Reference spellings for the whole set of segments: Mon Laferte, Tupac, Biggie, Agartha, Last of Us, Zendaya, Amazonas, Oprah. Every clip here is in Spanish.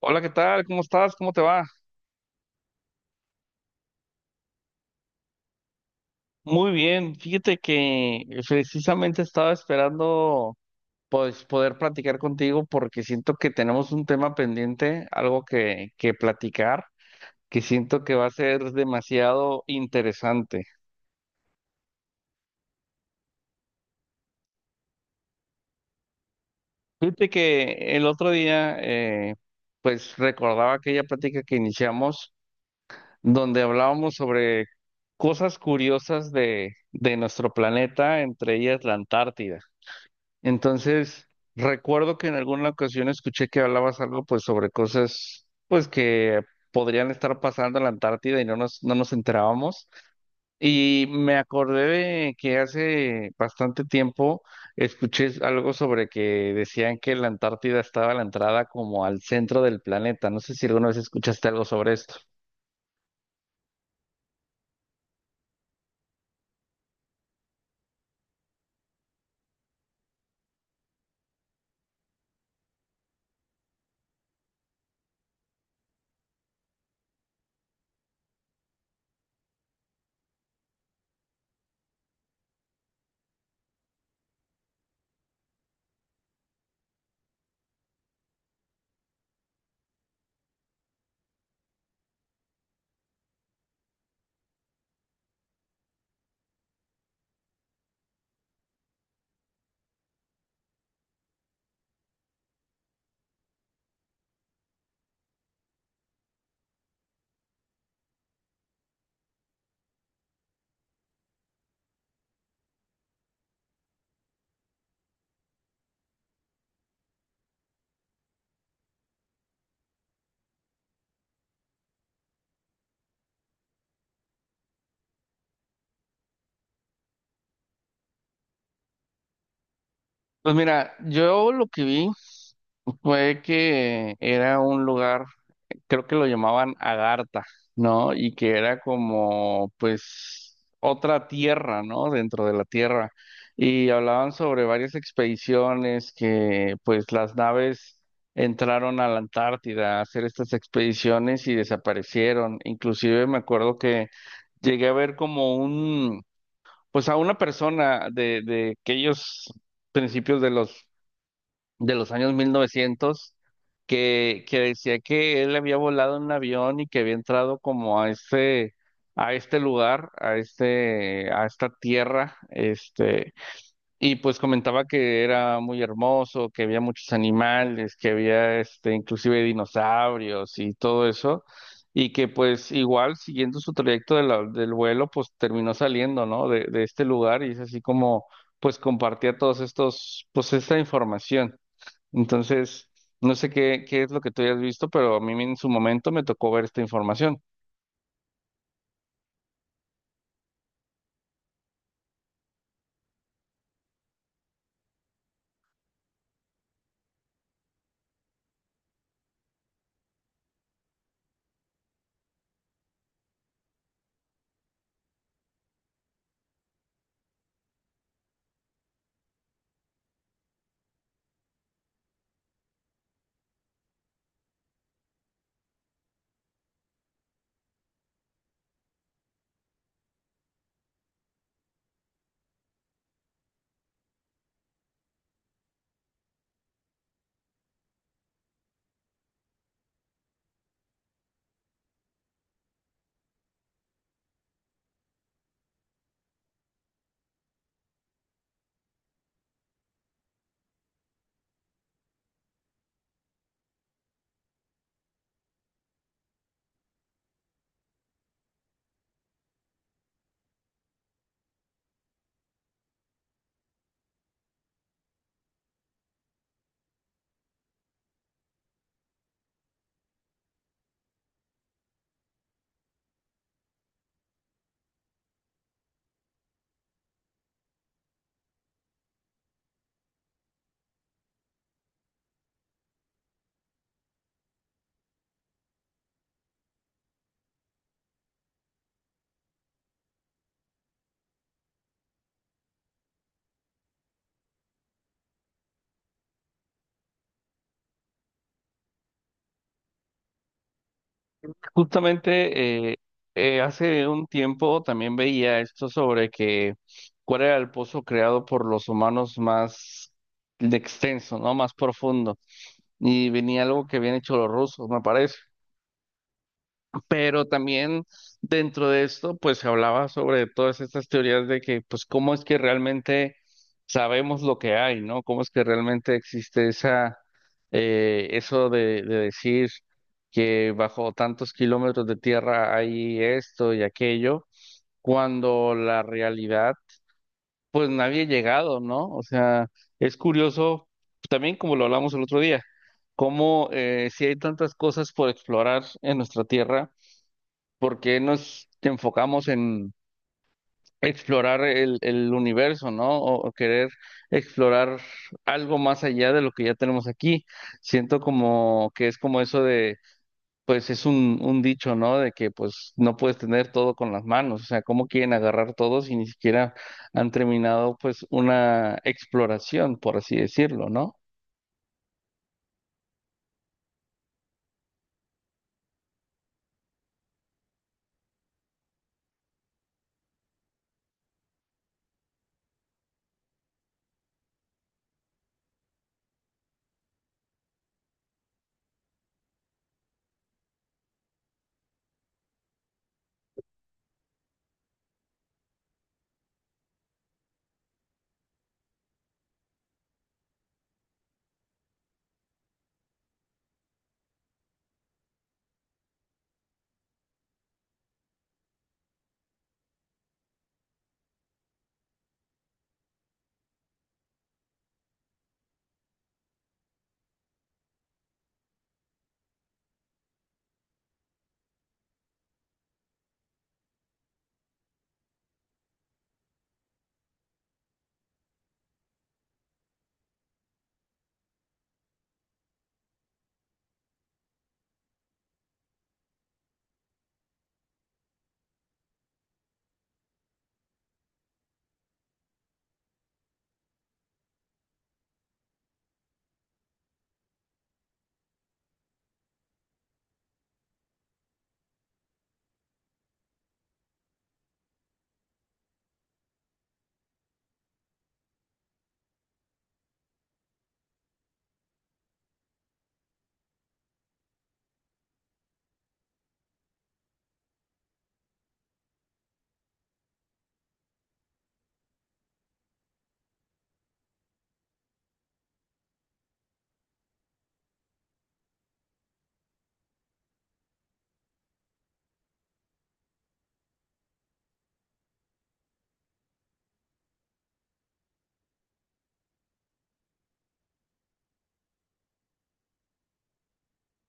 Hola, ¿qué tal? ¿Cómo estás? ¿Cómo te va? Muy bien. Fíjate que precisamente estaba esperando pues poder platicar contigo porque siento que tenemos un tema pendiente, algo que platicar, que siento que va a ser demasiado interesante. Fíjate que el otro día pues recordaba aquella plática que iniciamos donde hablábamos sobre cosas curiosas de nuestro planeta, entre ellas la Antártida. Entonces, recuerdo que en alguna ocasión escuché que hablabas algo pues sobre cosas pues que podrían estar pasando en la Antártida y no nos enterábamos. Y me acordé de que hace bastante tiempo escuché algo sobre que decían que la Antártida estaba a la entrada como al centro del planeta. No sé si alguna vez escuchaste algo sobre esto. Pues mira, yo lo que vi fue que era un lugar, creo que lo llamaban Agartha, ¿no? Y que era como, pues, otra tierra, ¿no? Dentro de la tierra. Y hablaban sobre varias expediciones que, pues, las naves entraron a la Antártida a hacer estas expediciones y desaparecieron. Inclusive me acuerdo que llegué a ver como un, pues, a una persona de aquellos principios de los años 1900 que decía que él había volado en un avión y que había entrado como a este lugar, a este, a esta tierra, este, y pues comentaba que era muy hermoso, que había muchos animales, que había este, inclusive dinosaurios y todo eso. Y que pues igual siguiendo su trayecto de del vuelo, pues terminó saliendo, ¿no? De este lugar y es así como pues compartía todos estos, pues esta información. Entonces, no sé qué es lo que tú hayas visto, pero a mí en su momento me tocó ver esta información. Justamente hace un tiempo también veía esto sobre que cuál era el pozo creado por los humanos más extenso, ¿no? Más profundo. Y venía algo que habían hecho los rusos, me parece. Pero también dentro de esto, pues se hablaba sobre todas estas teorías de que, pues, cómo es que realmente sabemos lo que hay, ¿no? Cómo es que realmente existe esa, eso de decir que bajo tantos kilómetros de tierra hay esto y aquello, cuando la realidad, pues nadie ha llegado, ¿no? O sea, es curioso, también como lo hablamos el otro día, cómo si hay tantas cosas por explorar en nuestra tierra por qué nos enfocamos en explorar el universo, ¿no? O querer explorar algo más allá de lo que ya tenemos aquí. Siento como que es como eso de, pues es un dicho, ¿no? De que pues no puedes tener todo con las manos, o sea, ¿cómo quieren agarrar todo si ni siquiera han terminado pues una exploración, por así decirlo, ¿no?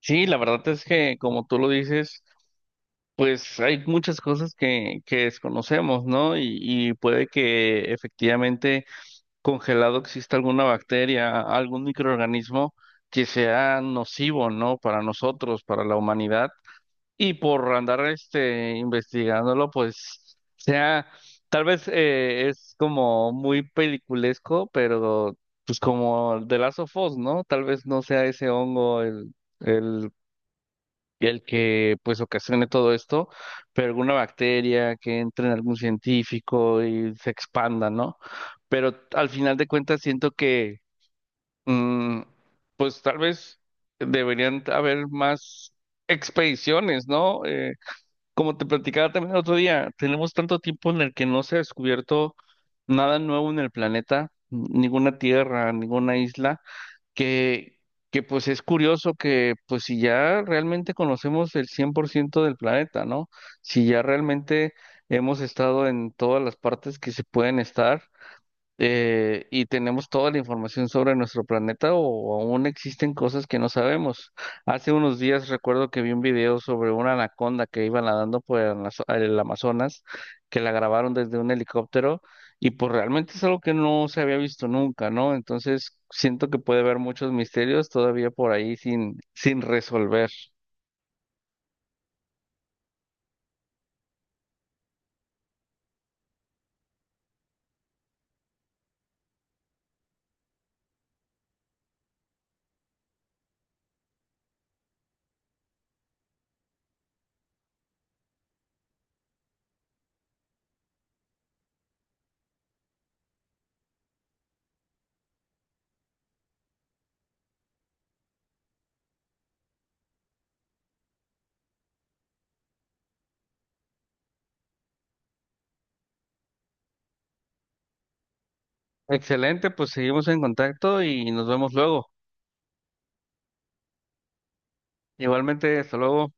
Sí, la verdad es que como tú lo dices, pues hay muchas cosas que desconocemos, ¿no? Y puede que efectivamente congelado exista alguna bacteria, algún microorganismo que sea nocivo, ¿no? Para nosotros, para la humanidad. Y por andar este investigándolo, pues sea, tal vez es como muy peliculesco, pero pues como de Last of Us, ¿no? Tal vez no sea ese hongo el el que pues ocasione todo esto, pero alguna bacteria que entre en algún científico y se expanda, ¿no? Pero al final de cuentas siento que mm, pues tal vez deberían haber más expediciones, ¿no? Como te platicaba también el otro día, tenemos tanto tiempo en el que no se ha descubierto nada nuevo en el planeta, ninguna tierra, ninguna isla que, que pues es curioso que pues si ya realmente conocemos el 100% del planeta, ¿no? Si ya realmente hemos estado en todas las partes que se pueden estar, y tenemos toda la información sobre nuestro planeta o aún existen cosas que no sabemos. Hace unos días recuerdo que vi un video sobre una anaconda que iba nadando por el el Amazonas, que la grabaron desde un helicóptero y pues realmente es algo que no se había visto nunca, ¿no? Entonces siento que puede haber muchos misterios todavía por ahí sin resolver. Excelente, pues seguimos en contacto y nos vemos luego. Igualmente, hasta luego.